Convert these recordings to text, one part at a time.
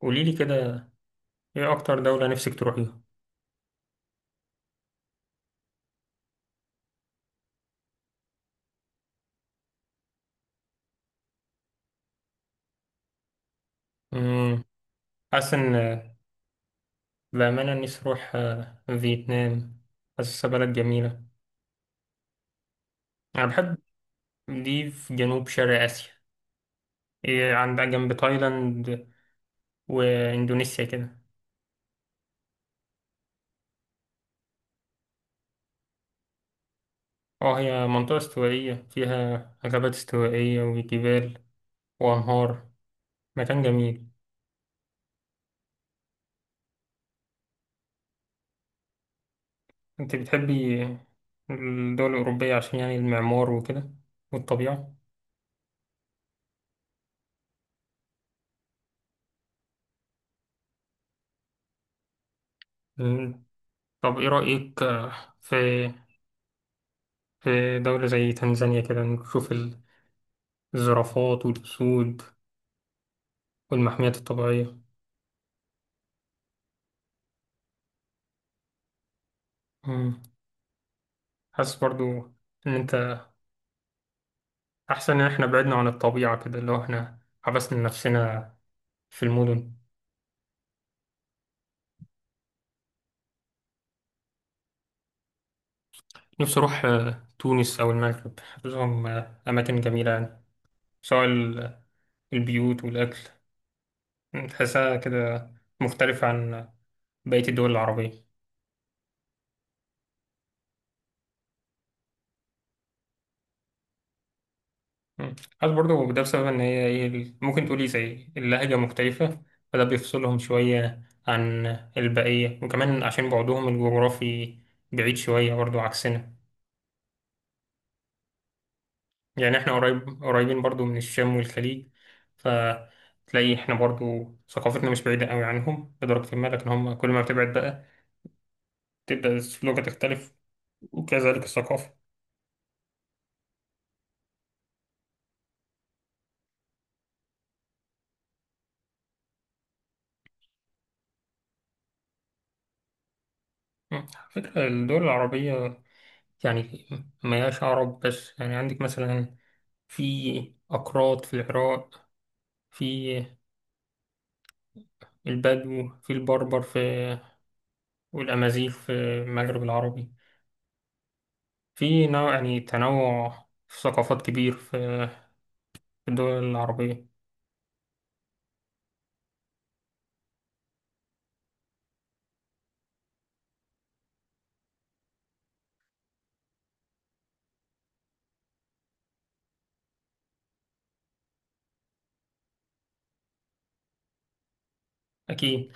قولي لي كده، ايه اكتر دولة نفسك تروحيها؟ امم حاسس ان. بأمانة نفسي اروح فيتنام. حاسسها بلد جميلة. انا بحب. دي في جنوب شرق اسيا. إيه عندها جنب تايلاند واندونيسيا كده. اه، هي منطقة استوائية فيها غابات استوائية وجبال وانهار. مكان جميل. انت بتحبي الدول الأوروبية عشان يعني المعمار وكده والطبيعة. مم. طب ايه رأيك في دولة زي تنزانيا كده نشوف الزرافات والأسود والمحميات الطبيعية. مم. حاسس برضو إن أنت أحسن إن إحنا بعدنا عن الطبيعة كده، اللي هو إحنا حبسنا نفسنا في المدن. نفسي أروح تونس أو المغرب، حاسسهم أماكن جميلة يعني، سواء البيوت والأكل. تحسها كده مختلفة عن بقية الدول العربية. مم. حاسس برضه ده بسبب إن هي ممكن تقولي زي اللهجة مختلفة. فده بيفصلهم شوية عن البقية، وكمان عشان بعدهم الجغرافي بعيد شوية برضه عكسنا. يعني إحنا قريبين برضه من الشام والخليج. فتلاقي إحنا برضه ثقافتنا مش بعيدة أوي عنهم لدرجة ما، لكن هم كل ما بتبعد بقى تبدأ اللغة تختلف وكذلك الثقافة. مم. على فكرة الدول العربية يعني مياش عرب بس، يعني عندك مثلا في أكراد في العراق، في البدو، في البربر، والأمازيغ في المغرب العربي. في نوع، يعني تنوع في ثقافات كبير في الدول العربية. أكيد.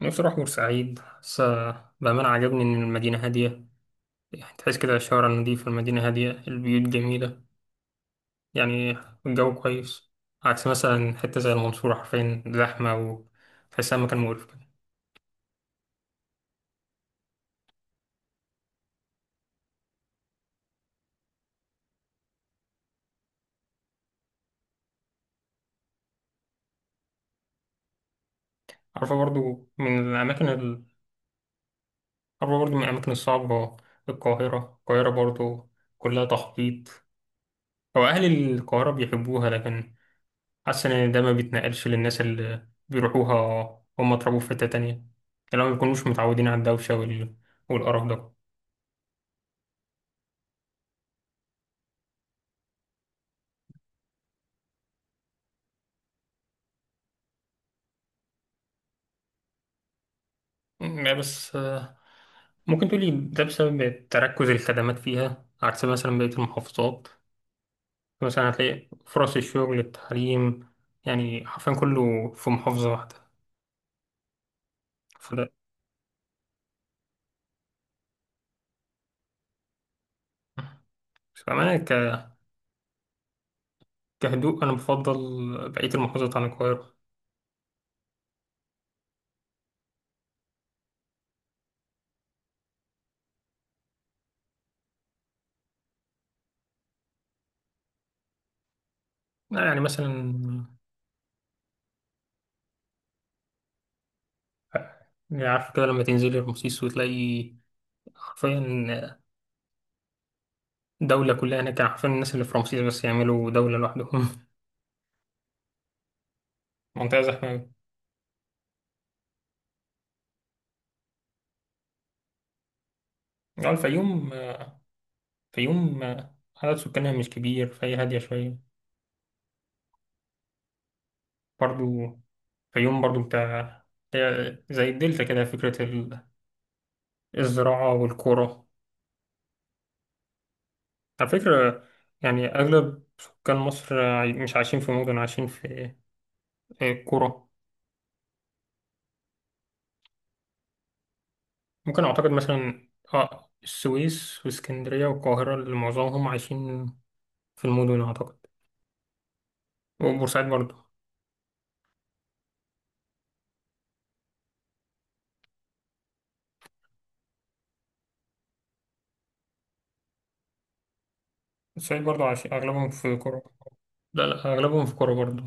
نفسي أروح بورسعيد، بس بأمانة عجبني إن المدينة هادية، يعني تحس كده الشوارع النظيفة، المدينة هادية، البيوت جميلة، يعني الجو كويس. عكس مثلا حتة زي المنصورة، حرفيا زحمة وتحسها مكان مقرف كده. عارفة برضو من الأماكن ال... عارفة برضو من الأماكن الصعبة، القاهرة. القاهرة برضو كلها تخبيط. هو أهل القاهرة بيحبوها، لكن حاسس إن ده ما بيتنقلش للناس اللي بيروحوها. هم اتربوا في حتة تانية، اللي هم مبيكونوش متعودين على الدوشة والقرف ده. يعني بس، ممكن تقولي ده بسبب تركز الخدمات فيها عكس مثلا بقية المحافظات. مثلا هتلاقي فرص الشغل، التعليم، يعني حرفيا كله في محافظة واحدة. فده فأنا ك... كهدوء أنا بفضل بقية المحافظات عن القاهرة. لا، يعني مثلا، يعني عارف كده لما تنزلي رمسيس وتلاقي حرفيا دولة كلها هناك، يعني حرفيا الناس اللي في رمسيس بس يعملوا دولة لوحدهم منطقة زحمة أوي. يعني الفيوم، الفيوم عدد سكانها مش كبير فهي هادية شوية برضو. الفيوم برضو بتاع زي الدلتا كده، فكرة الزراعة والقرى. على فكرة، يعني أغلب سكان مصر مش عايشين في مدن، عايشين في قرى. ممكن أعتقد مثلا السويس واسكندرية والقاهرة اللي معظمهم عايشين في المدن أعتقد، وبورسعيد برضو. بورسعيد برضو عايشين أغلبهم في قرى. لا لا، أغلبهم في قرى برضو.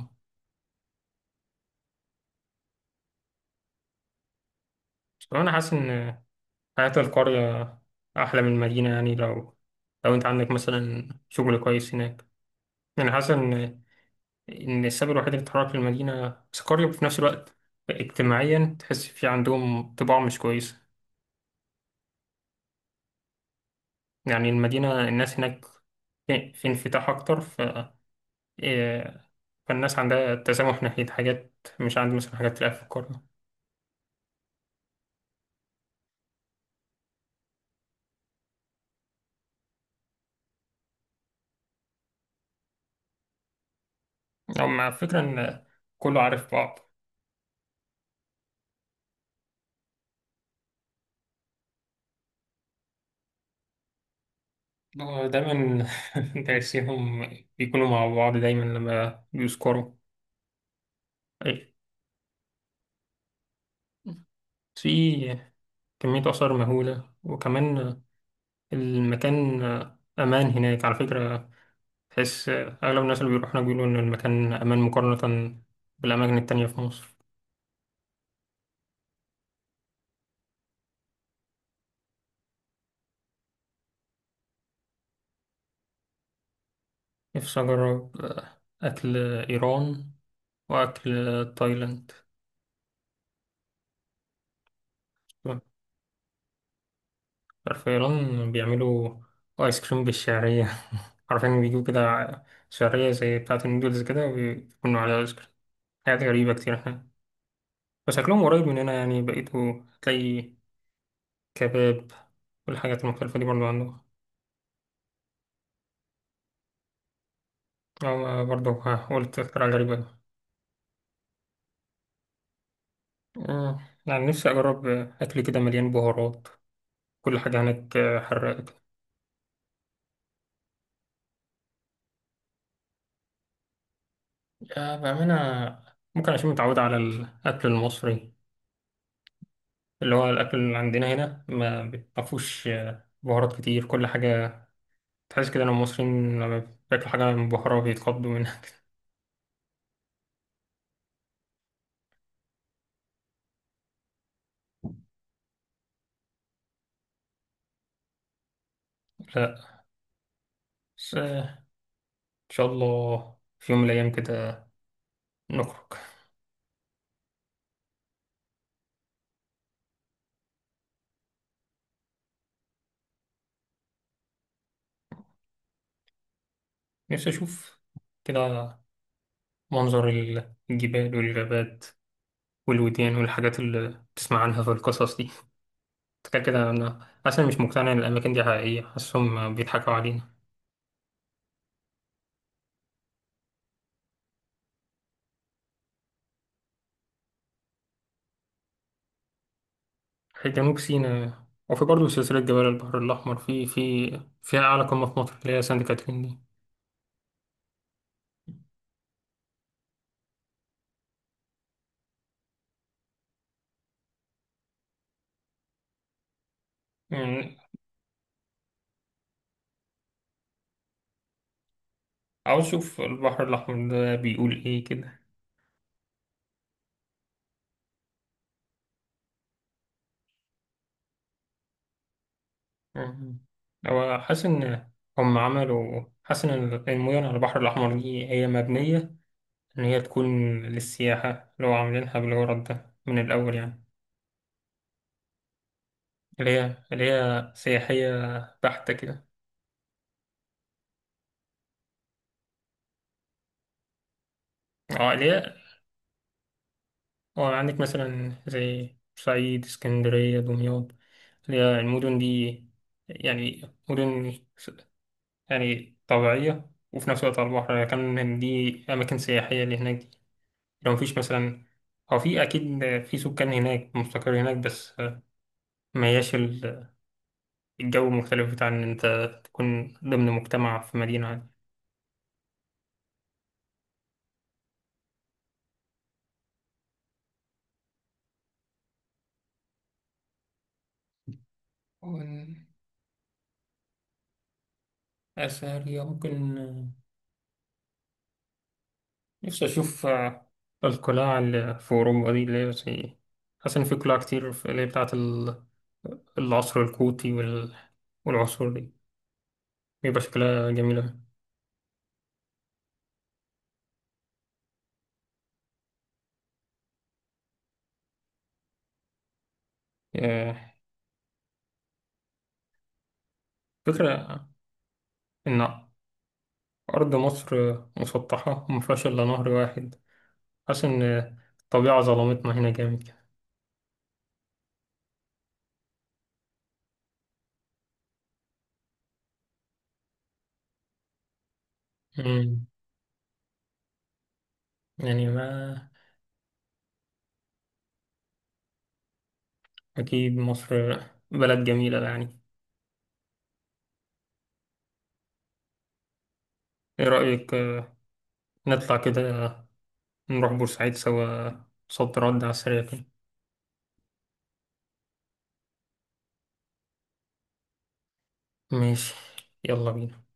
بس أنا حاسس إن حياة القرية أحلى من المدينة، يعني لو أنت عندك مثلا شغل كويس هناك، يعني حاسس إن السبب الوحيد اللي اتحرك في المدينه سكاريو، وفي نفس الوقت اجتماعيا تحس في عندهم طباع مش كويسه. يعني المدينه الناس هناك في انفتاح اكتر، ف إيه، فالناس عندها تسامح ناحيه حاجات، مش عند مثلا حاجات تلاقيها في القريه، او مع فكره ان كله عارف بعض. هو دايما تحسيهم بيكونوا مع بعض دايما لما بيسكروا. إيه، في كمية آثار مهولة، وكمان المكان أمان هناك على فكرة، بحيث أغلب الناس اللي بيروحوا هناك بيقولوا إن المكان أمان مقارنة بالأماكن التانية في مصر. نفسي أجرب أكل إيران وأكل تايلاند. في إيران بيعملوا آيس كريم بالشعرية عارفين بيجيبوا كده شعرية زي بتاعة النودلز كده، وبيكونوا عليها آيس كريم. حاجات غريبة كتير هناك، بس أكلهم قريب مننا يعني، بقيتوا تلاقي كباب والحاجات المختلفة دي برضو عندهم. أو برضو قلت اختراع غريب. آه. يعني نفسي أجرب أكل كده مليان بهارات، كل حاجة هناك حراقة كده. بأمانة ممكن عشان متعود على الأكل المصري، اللي هو الأكل اللي عندنا هنا ما بيبقاش بهارات كتير كل حاجة، تحس كده إن المصريين لما بياكلوا حاجة مبهرة بيتخضوا منها كده. لا، بس إن شاء الله في يوم من الأيام كده نخرج. نفسي أشوف كده منظر الجبال والغابات والوديان والحاجات اللي بتسمع عنها في القصص دي. كده كده أنا أصلا مش مقتنع إن الأماكن دي حقيقية، حاسسهم بيضحكوا علينا. في جنوب سيناء، وفي برضه سلسلة جبال البحر الأحمر في في فيها أعلى قمة في مصر اللي هي سانت كاترين دي. يعني عاوز أشوف البحر الأحمر ده بيقول إيه كده. يعني هو حاسس إن المدن على البحر الأحمر دي هي مبنية إن هي تكون للسياحة، اللي هو عاملينها بالغرض ده من الأول يعني، اللي هي سياحية بحتة كده. اه، اللي هي، وعندك مثلا زي بورسعيد، اسكندرية، دمياط، اللي هي المدن دي، يعني مدن س- يعني طبيعية وفي نفس الوقت على البحر، يعني كان دي أماكن سياحية اللي هناك دي، لو مفيش مثلا. هو في أكيد في سكان هناك مستقر هناك، بس ما هياش الجو مختلف بتاع إن أنت تكون ضمن مجتمع في مدينة عادية. ومن أثرية ممكن، نفسي أشوف القلاع اللي في أوروبا دي، اللي هي زي، حاسس إن في قلاع كتير اللي هي بتاعة العصر الكوتي والعصور دي بيبقى شكلها جميل أوي. آه، فكرة إن أرض مصر مسطحة ومفيهاش إلا نهر واحد، حاسس إن الطبيعة ظلمتنا هنا جامد كده. مم، يعني ما أكيد مصر بلد جميلة يعني. إيه رأيك نطلع كده نروح بورسعيد سوا؟ صد رد على السريع كده. ماشي، يلا بينا.